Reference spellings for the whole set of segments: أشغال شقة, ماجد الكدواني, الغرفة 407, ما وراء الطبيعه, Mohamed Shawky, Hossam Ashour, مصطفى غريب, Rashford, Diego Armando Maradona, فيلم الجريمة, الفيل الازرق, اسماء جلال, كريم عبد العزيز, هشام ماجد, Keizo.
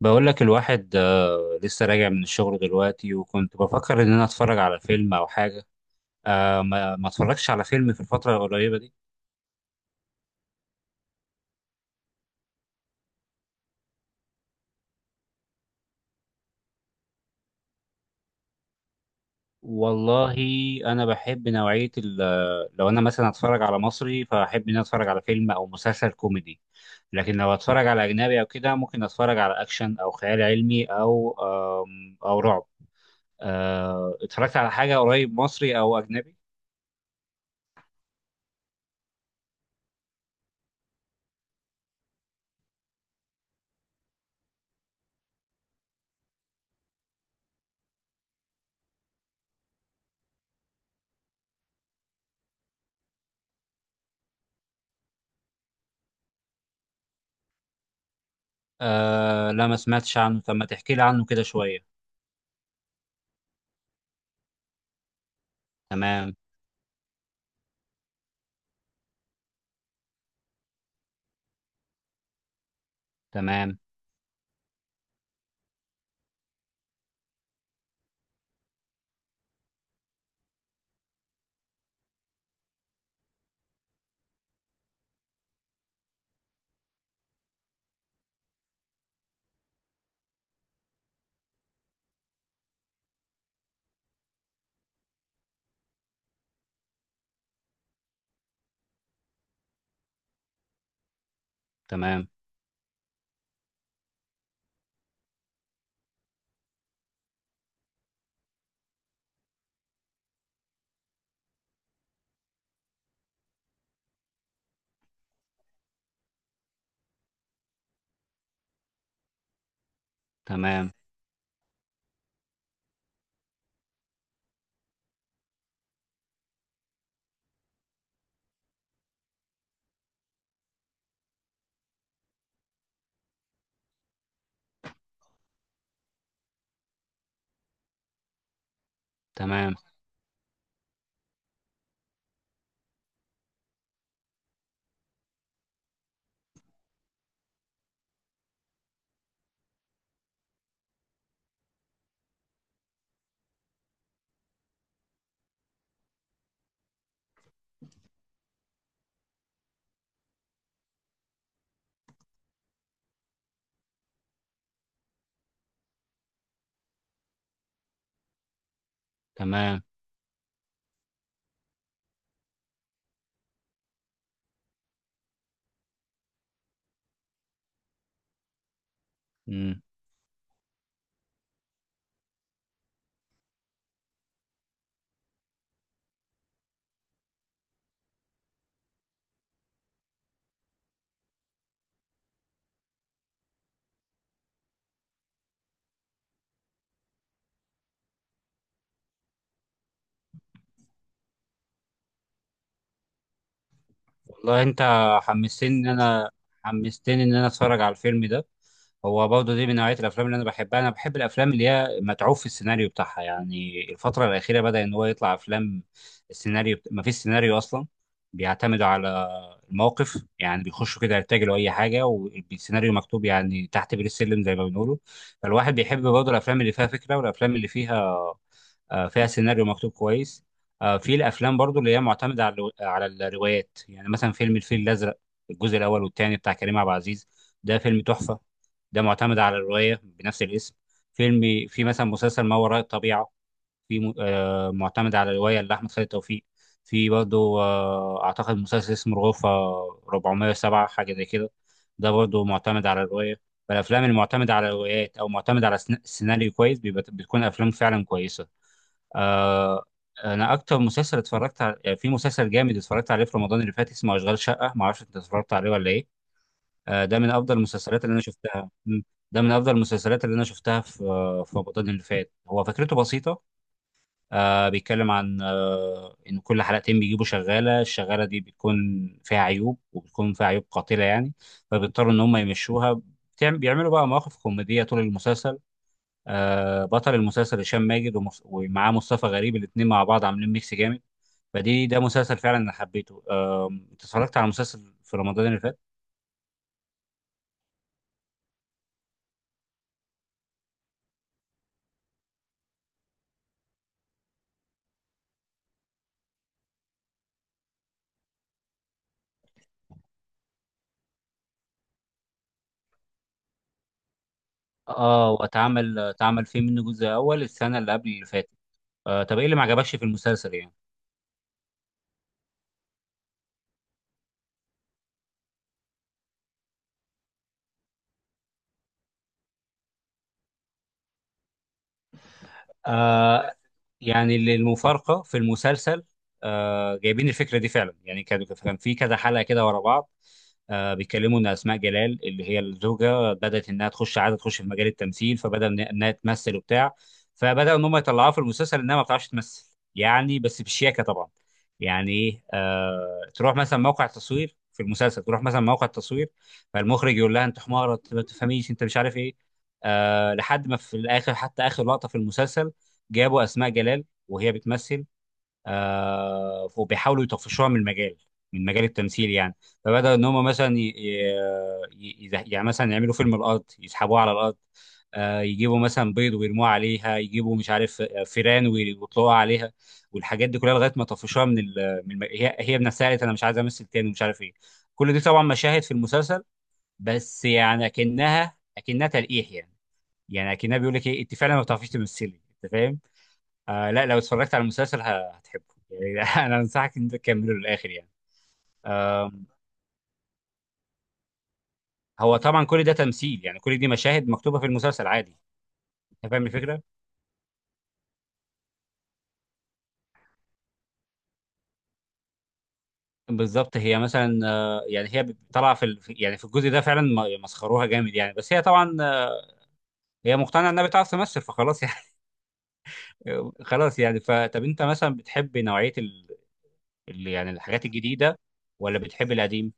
بقول لك الواحد لسه راجع من الشغل دلوقتي، وكنت بفكر ان انا اتفرج على فيلم او حاجه. ما اتفرجش على فيلم في الفتره القريبه دي. والله انا بحب نوعيه لو انا مثلا اتفرج على مصري فاحب ان انا اتفرج على فيلم او مسلسل كوميدي. لكن لو اتفرج على اجنبي او كده ممكن اتفرج على اكشن او خيال علمي او او رعب. اتفرجت على حاجه قريب مصري او اجنبي؟ آه لا، ما سمعتش عنه، طب ما تحكي لي عنه كده شويه. تمام. تمام. تمام. تمام. تمام. تمام. مم. والله انت حمستني ان انا حمستني ان انا اتفرج على الفيلم ده. هو برضه دي من نوعيه الافلام اللي انا بحبها. انا بحب الافلام اللي هي متعوب في السيناريو بتاعها، يعني الفتره الاخيره بدا ان هو يطلع افلام السيناريو ما فيش سيناريو اصلا، بيعتمدوا على الموقف، يعني بيخشوا كده يرتجلوا اي حاجه والسيناريو مكتوب يعني تحت بير السلم زي ما بنقوله. فالواحد بيحب برضه الافلام اللي فيها فكره والافلام اللي فيها سيناريو مكتوب كويس. في الافلام برضو اللي هي معتمده على الروايات، يعني مثلا فيلم الفيل الازرق، الجزء الاول والثاني بتاع كريم عبد العزيز. ده فيلم تحفه. ده معتمد على الروايه بنفس الاسم. فيلم في مثلا مسلسل ما وراء الطبيعه، في معتمد على رواية لأحمد خالد توفيق. في برضه أعتقد مسلسل اسمه الغرفة 407، حاجة زي كده. ده برضه معتمد على الرواية. فالأفلام المعتمدة على روايات أو معتمدة على سيناريو كويس بيبقى بتكون أفلام فعلا كويسة. آه، أنا أكتر مسلسل اتفرجت على في مسلسل جامد اتفرجت عليه في رمضان اللي فات اسمه أشغال شقة، معرفش أنت اتفرجت عليه ولا إيه. ده من أفضل المسلسلات اللي أنا شفتها. مم. ده من أفضل المسلسلات اللي أنا شفتها في رمضان اللي فات. هو فكرته بسيطة. بيتكلم عن إن كل حلقتين بيجيبوا شغالة. الشغالة دي بتكون فيها عيوب وبتكون فيها عيوب قاتلة يعني، فبيضطروا إن هم يمشوها. بيعملوا بقى مواقف كوميدية طول المسلسل. بطل المسلسل هشام ماجد ومعاه مصطفى غريب، الاتنين مع بعض عاملين ميكس جامد. فدي ده مسلسل فعلا أنا حبيته. أنت اتفرجت على مسلسل في رمضان اللي فات؟ اه، واتعمل فيه منه جزء أول السنة اللي قبل اللي فاتت. طب إيه اللي ما عجبكش في المسلسل يعني؟ آه يعني اللي المفارقه في المسلسل، جايبين الفكره دي فعلا، يعني كان في كذا حلقه كده ورا بعض. بيتكلموا ان اسماء جلال اللي هي الزوجه بدات انها تخش عاده تخش في مجال التمثيل، فبدا انها تمثل وبتاع. فبداوا ان هم يطلعوها في المسلسل انها ما بتعرفش تمثل، يعني بس بالشياكه طبعا. يعني ايه، تروح مثلا موقع تصوير في المسلسل، تروح مثلا موقع تصوير، فالمخرج يقول لها انت حماره، انت ما بتفهميش، انت مش عارف ايه. لحد ما في الاخر، حتى اخر لقطه في المسلسل جابوا اسماء جلال وهي بتمثل. وبيحاولوا يطفشوها من المجال، من مجال التمثيل يعني. فبدأوا ان هم مثلا يعني مثلا يعملوا فيلم الارض يسحبوها على الارض. يجيبوا مثلا بيض ويرموه عليها، يجيبوا مش عارف فيران ويطلقوها عليها. والحاجات دي كلها لغايه ما طفشوها من هي بنفسها قالت انا مش عايزه امثل تاني ومش عارف ايه. كل دي طبعا مشاهد في المسلسل، بس يعني اكنها تلقيح يعني. يعني اكنها بيقول لك ايه، انت فعلا ما بتعرفيش تمثلي، انت فاهم. لا لو اتفرجت على المسلسل هتحبه يعني. انا انصحك ان انت تكمله للاخر يعني. آم، هو طبعا كل ده تمثيل، يعني كل دي مشاهد مكتوبه في المسلسل عادي. انت فاهم الفكره. بالظبط، هي مثلا يعني هي طالعه في يعني في الجزء ده فعلا مسخروها جامد يعني، بس هي طبعا هي مقتنعه انها بتعرف تمثل فخلاص يعني. خلاص يعني. فطب انت مثلا بتحب نوعيه يعني الحاجات الجديده ولا بتحب القديم؟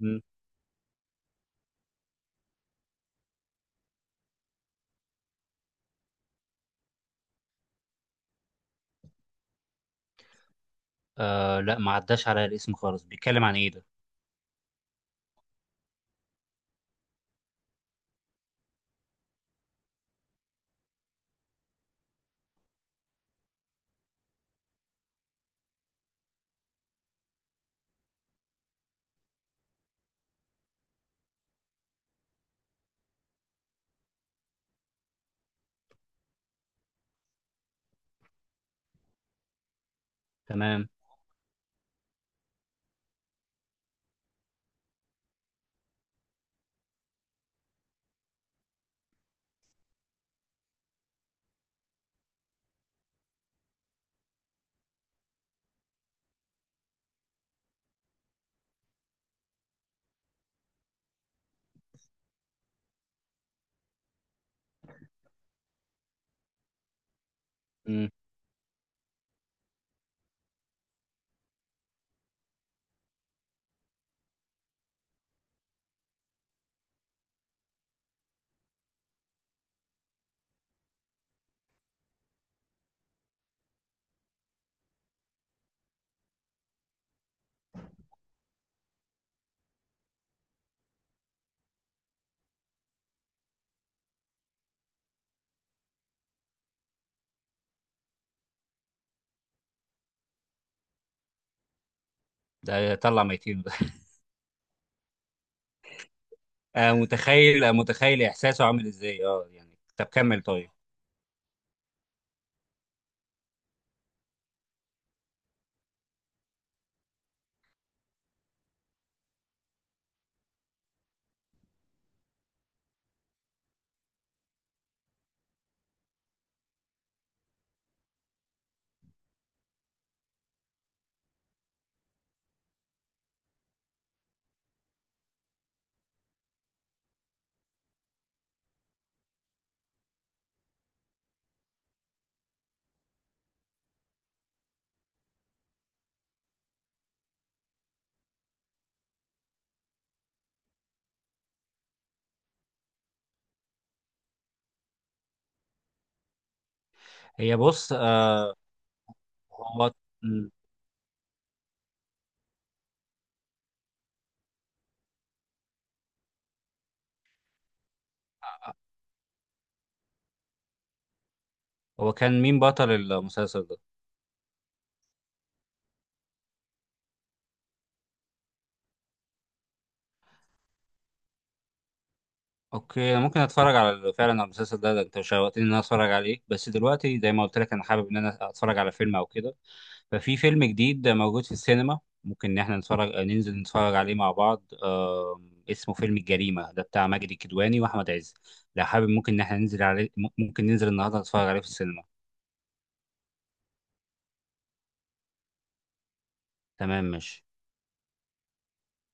مم. لا، ما عداش على الاسم خالص، بيتكلم عن ايه ده؟ تمام. مم. ده يطلع ميتين. متخيل احساسه عامل ازاي، اه يعني. طب كمل طيب. هي بص، آه هو مم. هو كان مين بطل المسلسل ده؟ اوكي، انا ممكن اتفرج على فعلا على المسلسل ده، ده انت شوقتني ان انا اتفرج عليه. بس دلوقتي زي ما قلت لك انا حابب ان انا اتفرج على فيلم او كده، ففي فيلم جديد موجود في السينما ممكن ان احنا نتفرج ننزل نتفرج عليه مع بعض. اسمه فيلم الجريمة ده بتاع ماجد الكدواني واحمد عز. لو حابب ممكن ان احنا ننزل عليه، ممكن ننزل النهارده نتفرج عليه في السينما. تمام، ماشي.